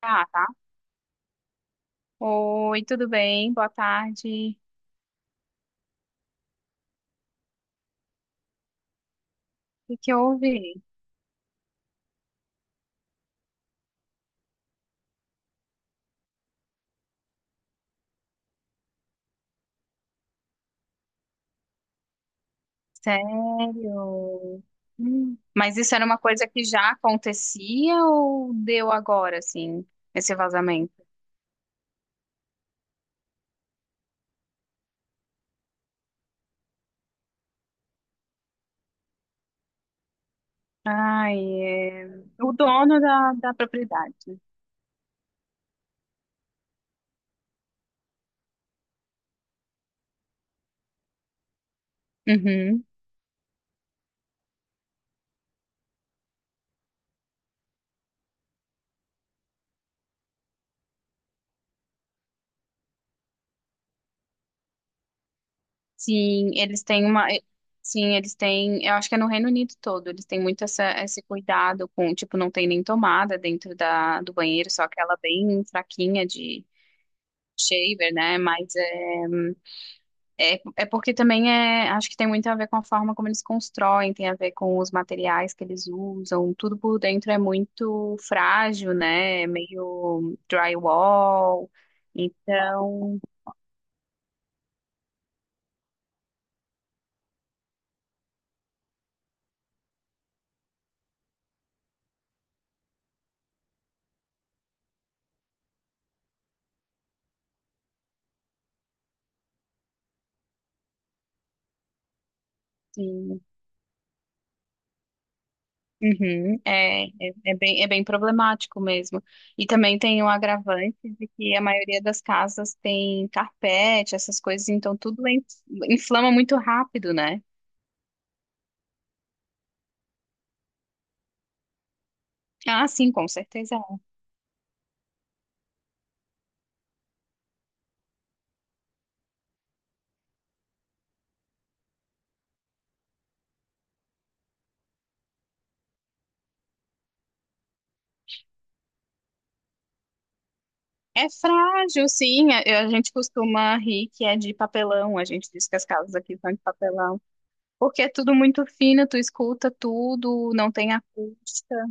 Ah, tá. Oi, tudo bem? Boa tarde. O que que houve? Sério? Hum. Mas isso era uma coisa que já acontecia ou deu agora, assim, esse vazamento? Ai, é... O dono da propriedade. Uhum. Sim, eles têm uma. Sim, eles têm. Eu acho que é no Reino Unido todo. Eles têm muito essa, esse cuidado com, tipo, não tem nem tomada dentro da, do banheiro, só aquela bem fraquinha de shaver, né? Mas é porque também é, acho que tem muito a ver com a forma como eles constroem, tem a ver com os materiais que eles usam, tudo por dentro é muito frágil, né? É meio drywall. Então, sim. Uhum, é bem problemático mesmo. E também tem o agravante de que a maioria das casas tem carpete, essas coisas, então inflama muito rápido, né? Ah, sim, com certeza. É frágil, sim. A gente costuma rir que é de papelão. A gente diz que as casas aqui são de papelão. Porque é tudo muito fino, tu escuta tudo, não tem acústica.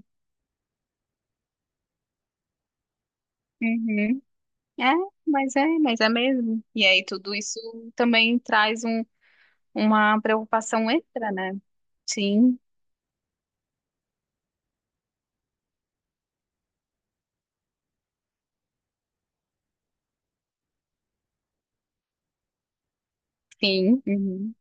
Uhum. É, mas é mesmo. E aí tudo isso também uma preocupação extra, né? Sim, sim. Uhum.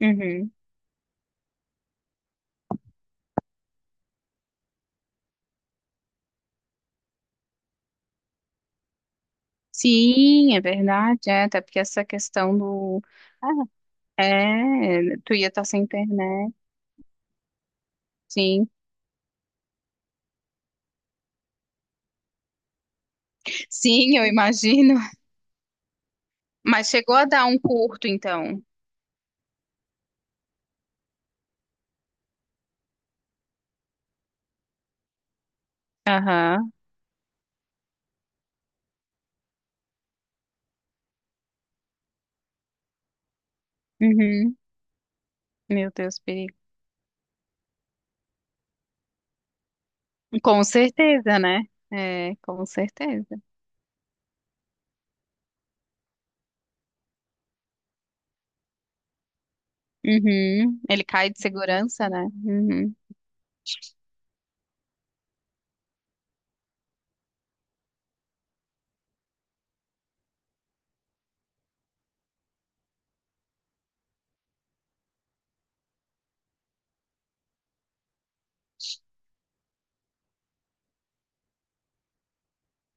Uhum. Sim, é verdade. É, até porque essa questão do. Ah, é, tu ia estar sem internet. Sim, sim, eu imagino. Mas chegou a dar um curto, então. Aham. Uhum. Meu Deus, perigo. Com certeza, né? É, com certeza. Uhum. Ele cai de segurança, né? Uhum.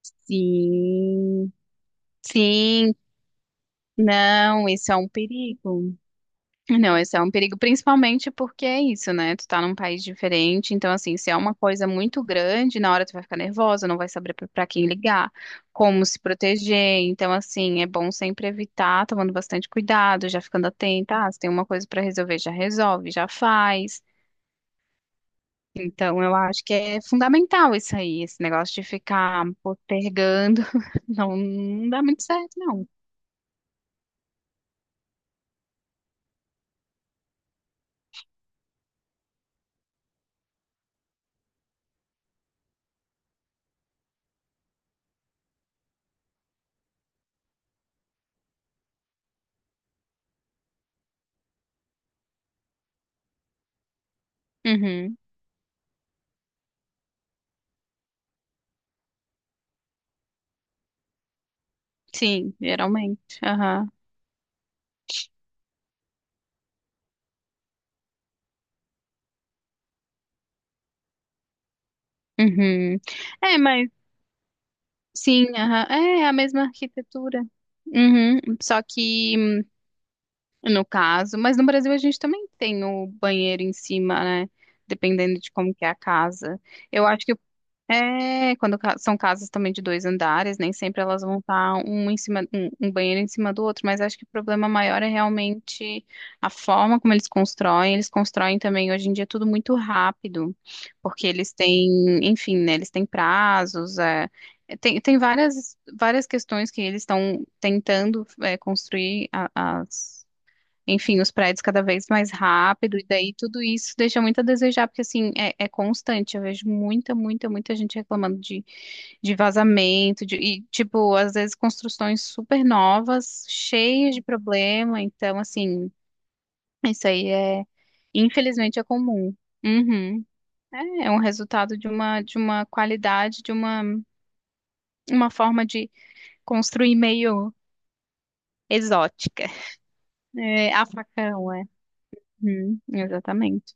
Sim. Sim. Não, isso é um perigo. Não, esse é um perigo, principalmente porque é isso, né? Tu tá num país diferente, então, assim, se é uma coisa muito grande, na hora tu vai ficar nervosa, não vai saber pra quem ligar, como se proteger. Então, assim, é bom sempre evitar, tomando bastante cuidado, já ficando atenta. Ah, se tem uma coisa pra resolver, já resolve, já faz. Então, eu acho que é fundamental isso aí, esse negócio de ficar postergando. Não, não dá muito certo, não. Uhum. Sim, geralmente. Aham. Uhum. É, mas. Sim, aham. É a mesma arquitetura. Uhum. Só que, no caso, mas no Brasil a gente também tem o banheiro em cima, né? Dependendo de como que é a casa. Eu acho que é, são casas também de dois andares, nem sempre elas vão estar um em cima, um banheiro em cima do outro, mas acho que o problema maior é realmente a forma como eles constroem. Eles constroem também hoje em dia tudo muito rápido, porque eles têm, enfim, né, eles têm prazos, tem, tem várias, várias questões que eles estão tentando, é, as enfim, os prédios cada vez mais rápido, e daí tudo isso deixa muito a desejar, porque assim, é, é constante, eu vejo muita, muita, muita gente reclamando de vazamento, de, e tipo, às vezes construções super novas, cheias de problema, então assim, isso aí é, infelizmente é comum. Uhum. É, é um resultado de uma qualidade, de uma forma de construir meio exótica. É, a facão, é. Uhum, exatamente.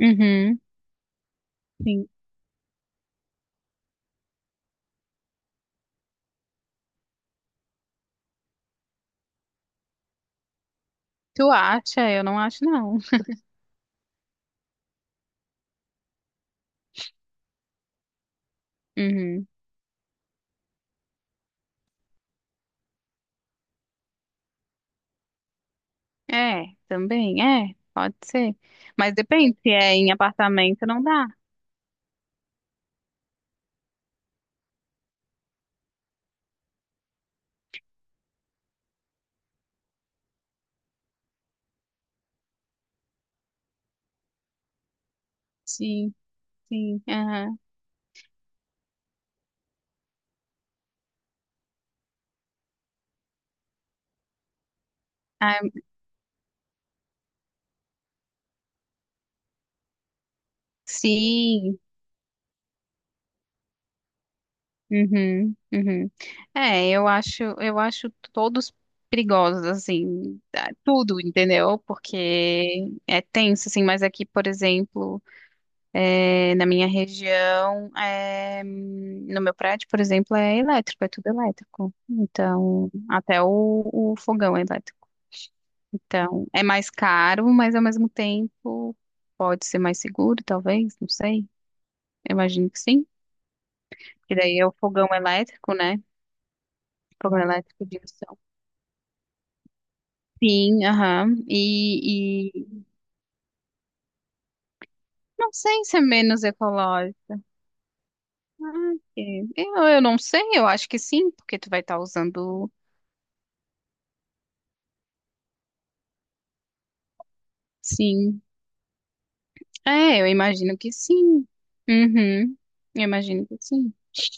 Uhum. Sim. Tu acha? Eu não acho, não. Uhum. É, também, é, pode ser. Mas depende, se é em apartamento, não dá. Sim, sim. Aham. Ah, sim. Uhum, uhum. É, eu acho todos perigosos, assim, tá, tudo, entendeu? Porque é tenso, assim, mas aqui, por exemplo. É, na minha região, é, no meu prédio, por exemplo, é elétrico, é tudo elétrico. Então, o fogão é elétrico. Então, é mais caro, mas ao mesmo tempo pode ser mais seguro, talvez, não sei. Eu imagino que sim. E daí é o fogão elétrico, né? Fogão elétrico de indução. Sim, aham. Não sei se é menos ecológico. Ah, é. Eu não sei, eu acho que sim, porque tu vai estar usando, sim. É, eu imagino que sim. Uhum. Eu imagino que sim.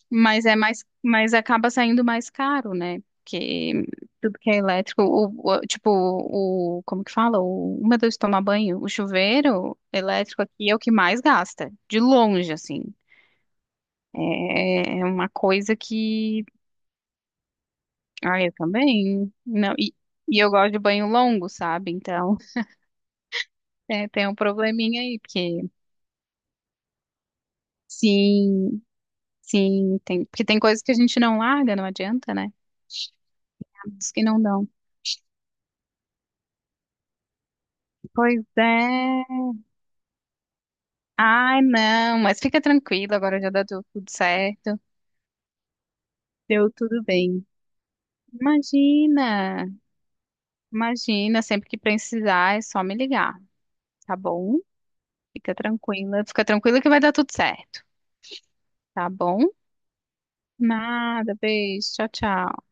Mas é mais, mas acaba saindo mais caro, né? Porque tudo que é elétrico, tipo, o, como que fala? O meu Deus, tomar banho. O chuveiro elétrico aqui é o que mais gasta. De longe, assim. É, é uma coisa que. Ah, eu também. Não, e eu gosto de banho longo, sabe? Então, é, tem um probleminha aí, porque. Sim. Sim, tem, porque tem coisas que a gente não larga, não adianta, né? Os que não dão. Pois é. Ai, não, mas fica tranquila, agora já deu tudo certo. Deu tudo bem. Imagina, imagina, sempre que precisar é só me ligar, tá bom? Fica tranquila que vai dar tudo certo, tá bom? Nada, beijo, tchau, tchau.